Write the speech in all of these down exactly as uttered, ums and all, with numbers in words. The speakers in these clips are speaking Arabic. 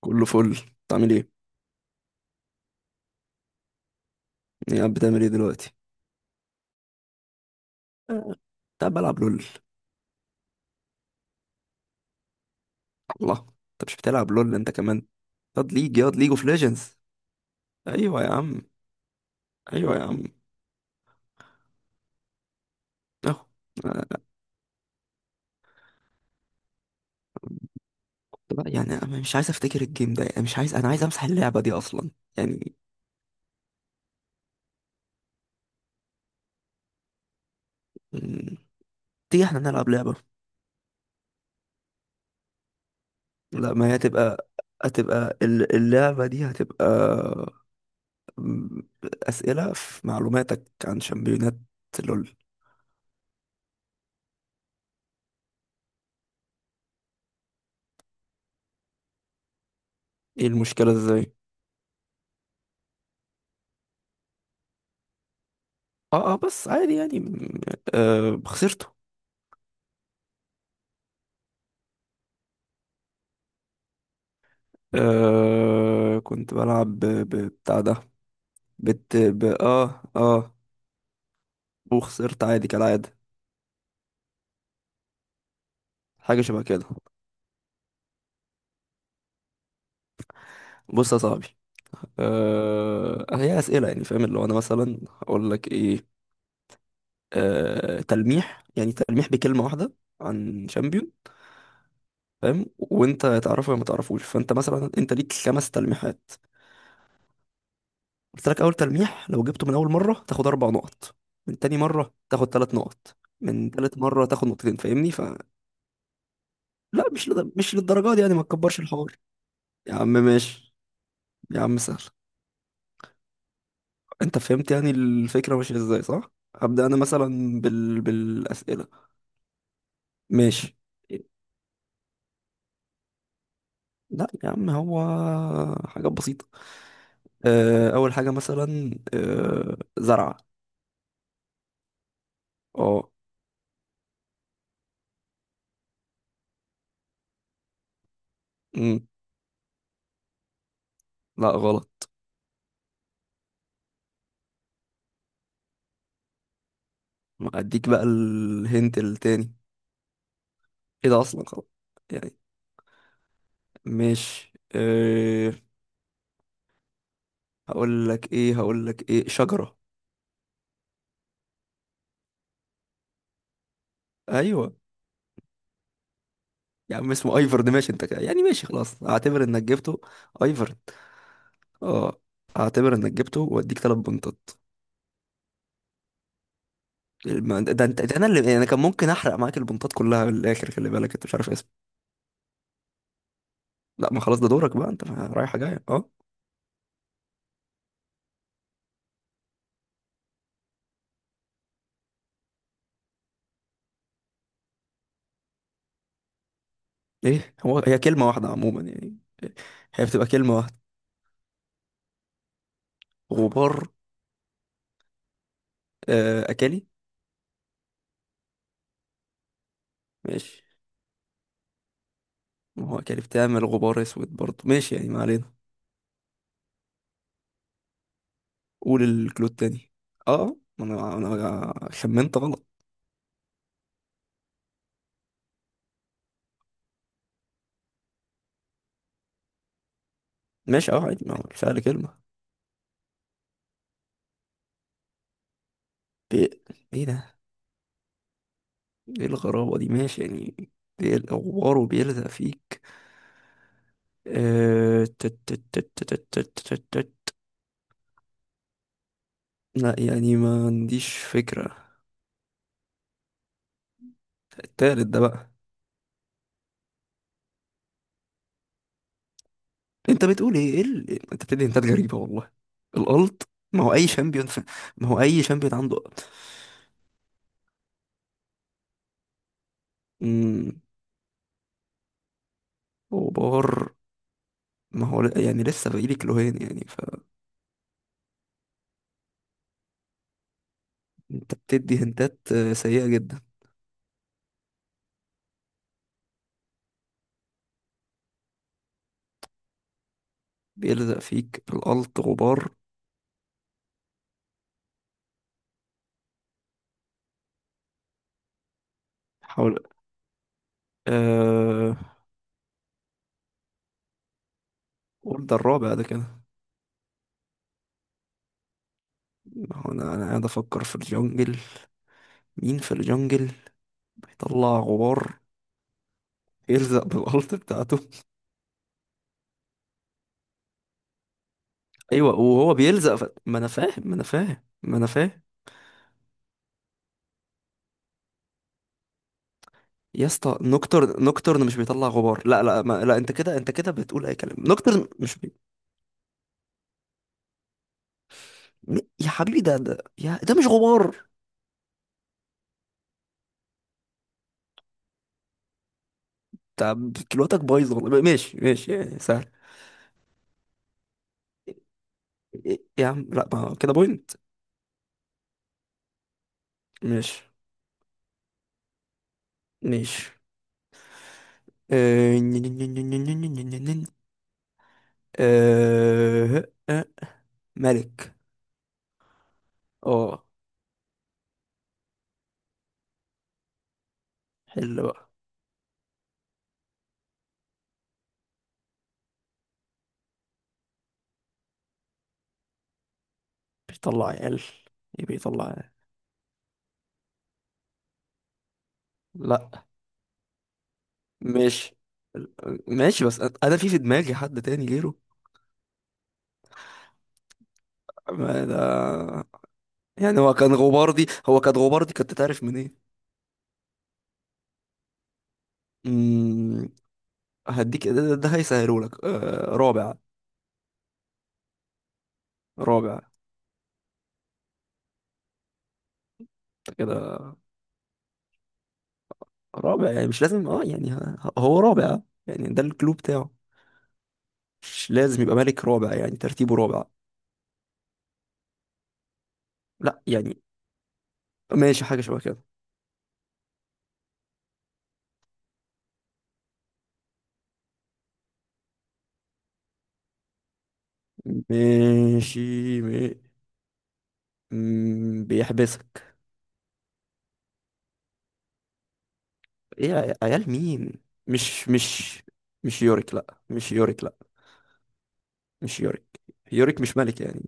كله فل، انت عامل ايه؟ ايه قاعد بتعمل ايه دلوقتي؟ آه، كنت قاعد بلعب لول. الله. انت مش بتلعب لول انت كمان؟ ياض ليج ياض ليج اوف ليجندز. ايوه يا عم، ايوه يا عم. اهو. آه. لا، يعني انا مش عايز افتكر الجيم ده، يعني مش عايز، انا عايز امسح اللعبه دي اصلا، يعني. مم، تيجي احنا نلعب لعبه. لا، ما هي هتبقى، هتبقى ال- اللعبه دي هتبقى. مم، اسئله في معلوماتك عن شامبيونات، لول. ايه المشكله ازاي؟ اه اه، بس عادي يعني م- آه خسرته. آه كنت بلعب ب- ب- بتاع ده. بت ب اه اه وخسرت عادي كالعادة. حاجة شبه كده. بص يا صاحبي، آه هي أسئلة، يعني فاهم، اللي هو أنا مثلا هقول لك إيه، آه تلميح، يعني تلميح بكلمة واحدة عن شامبيون. فاهم، وأنت تعرفه يا ما تعرفوش، فأنت مثلا أنت ليك خمس تلميحات. قلت لك، اول تلميح لو جبته من اول مره تاخد اربع نقط، من تاني مره تاخد ثلاث نقط، من تالت مره تاخد نقطتين. فاهمني فلا؟ مش لد... مش للدرجه دي، يعني ما تكبرش الحوار. يا عم ماشي، يا عم سهل. انت فهمت يعني الفكره ماشيه ازاي، صح؟ ابدا، انا مثلا بال... بالاسئله. ماشي. لا يا عم، هو حاجات بسيطه. آه، اول حاجه مثلا، آه، زرعه. اه. أمم، لا غلط. ما اديك بقى الهنت التاني. ايه ده اصلا، خلاص. يعني مش أه... هقول لك ايه هقول لك ايه شجرة. ايوه يا عم، اسمه ايفرد. ماشي انت كده. يعني ماشي خلاص، اعتبر انك جبته. ايفرد، اه. اعتبر انك جبته واديك ثلاث بنطات. الم- ده انت ده انا اللي، يعني انا كان ممكن احرق معاك البنطات كلها من الاخر. خلي بالك انت مش عارف اسمه. لا ما خلاص، ده دورك بقى، انت رايحه جايه اه. ايه هو، هي كلمه واحده عموما يعني. هي بتبقى كلمه واحده. غبار. آه اكلي. ماشي، ما هو اكلي بتعمل غبار اسود برضه. ماشي يعني، ما علينا. قول الكلو التاني. اه، ما انا انا خمنت غلط. ماشي اه، عادي، ما هو الفعل كلمة. بي... ايه ده. ايه الغرابة دي؟ ماشي يعني. ايه الغبار وبيلزق فيك؟ آه، تت- تت- تت- تت- تت- تت- تت. لا يعني، ما عنديش فكرة. التالت ده بقى. انت بتقول ايه؟ ايه ال... انت بتدي انتات غريبة والله. الالت. ما هو اي شامبيون ف... ما هو اي شامبيون عنده ألت. امم غبار. ما هو ل- يعني لسه باقيلي كلوهين يعني. انت بتدي هنتات آه، سيئة جدا. بيلزق فيك القلط غبار. حاول. أه... قول ده الرابع ده كده. ما هو انا، انا قاعد افكر في الجنجل، مين في الجنجل بيطلع غبار يلزق بالقلط بتاعته. ايوه، وهو بيلزق ف... ما انا فاهم، ما انا فاهم، ما انا فاهم. يا اسطى، نوكتر نوكترن مش بيطلع غبار. لا لا ما... لا، انت كده انت كده بتقول اي كلام. نوكترن مش بي... م- يا حبيبي، ده ده يا... ده مش غبار. طب كلوتك بايظه والله. ماشي ماشي، يعني سهل. إيه، يا عم لا، ما كده بوينت. ماشي ماشي. آه، نن- نن- نن- نن- نن- نن- نن- نن. آه، آه، ملك. اه، حلو بقى. بيطلع عيال. ايه بيطلع عيال؟ لا. ماشي ماشي، بس أ- انا في في دماغي حد تاني غيره. ما ده، يعني هو كان غباردي هو كان غباردي، كنت تعرف منين؟ مم، هديك ده, ده, ده هيسهلهولك، آه، رابع. رابع كده، رابع يعني مش لازم. اه يعني ه- هو رابع آه. يعني ده الكلوب بتاعه. مش لازم يبقى ملك رابع، يعني ترتيبه رابع. لا يعني. ماشي، حاجة شبه كده. ماشي. مي... مم، بيحبسك. ايه يا عيال مين؟ مش مش مش يوريك، لا، مش يوريك، لا. مش يوريك. يوريك مش ملك يعني.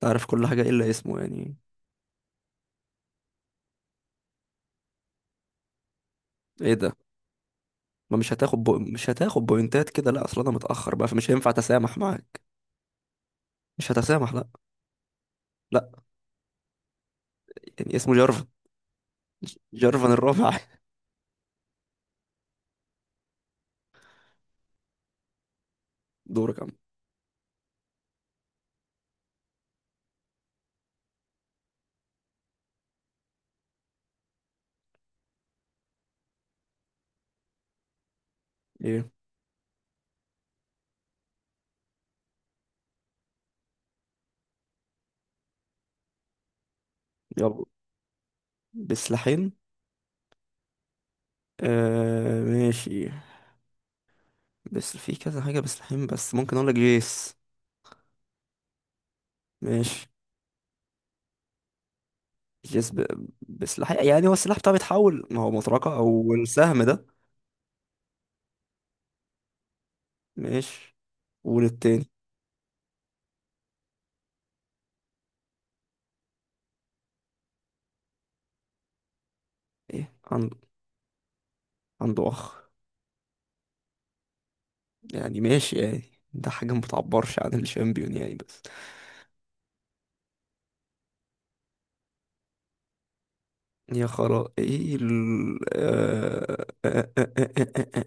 تعرف كل حاجة إلا اسمه يعني. ايه ده. ما مش هتاخد بو... مش هتاخد بوينتات كده، لا، اصل انا متأخر بقى، فمش هينفع اتسامح معاك. مش هتسامح، لا. لا يعني اسمه جارفن، جارفن الرابع. دورك يا عم. ايه؟ يلا. بسلاحين. آه ماشي، بس في كذا حاجة بسلاحين، بس ممكن اقول لك جيس. ماشي. جيس ب... بسلاح، يعني هو السلاح بتاعه بيتحول، ما هو مطرقة او السهم ده. ماشي. وللتاني. ايه عنده؟ عنده اخ. يعني ماشي يعني، ده حاجة ما بتعبرش عن الشامبيون يعني، بس. يا خرا، ايه ال... آه... آه... آه... آه... آه... آه... آه،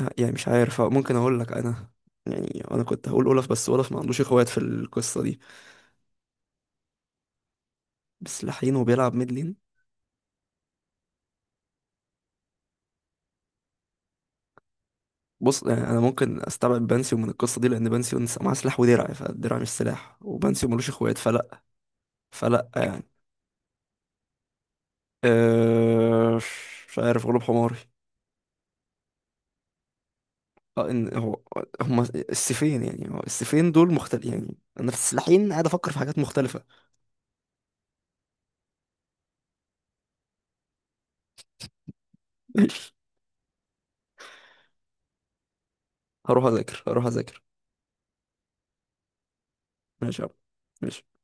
آه، يعني مش عارف. آه، ممكن اقول لك انا، يعني انا كنت هقول اولف، بس اولف ما عندوش اخوات في القصه دي. بس لحين، وبيلعب ميد لين. بص، يعني انا ممكن استبعد بانسيو من القصه دي، لان بانسيو نس- معاه سلاح ودرع، فالدرع مش سلاح، وبانسيو ملوش اخوات فلا، فلا يعني. أه مش عارف، غلوب حماري. اه، ان هو، هما السيفين يعني، هو السيفين دول مختلف يعني. انا في السلاحين قاعد افكر في حاجات مختلفه. ماشي. هروح اذاكر، هروح اذاكر. ماشي يا عم. ماشي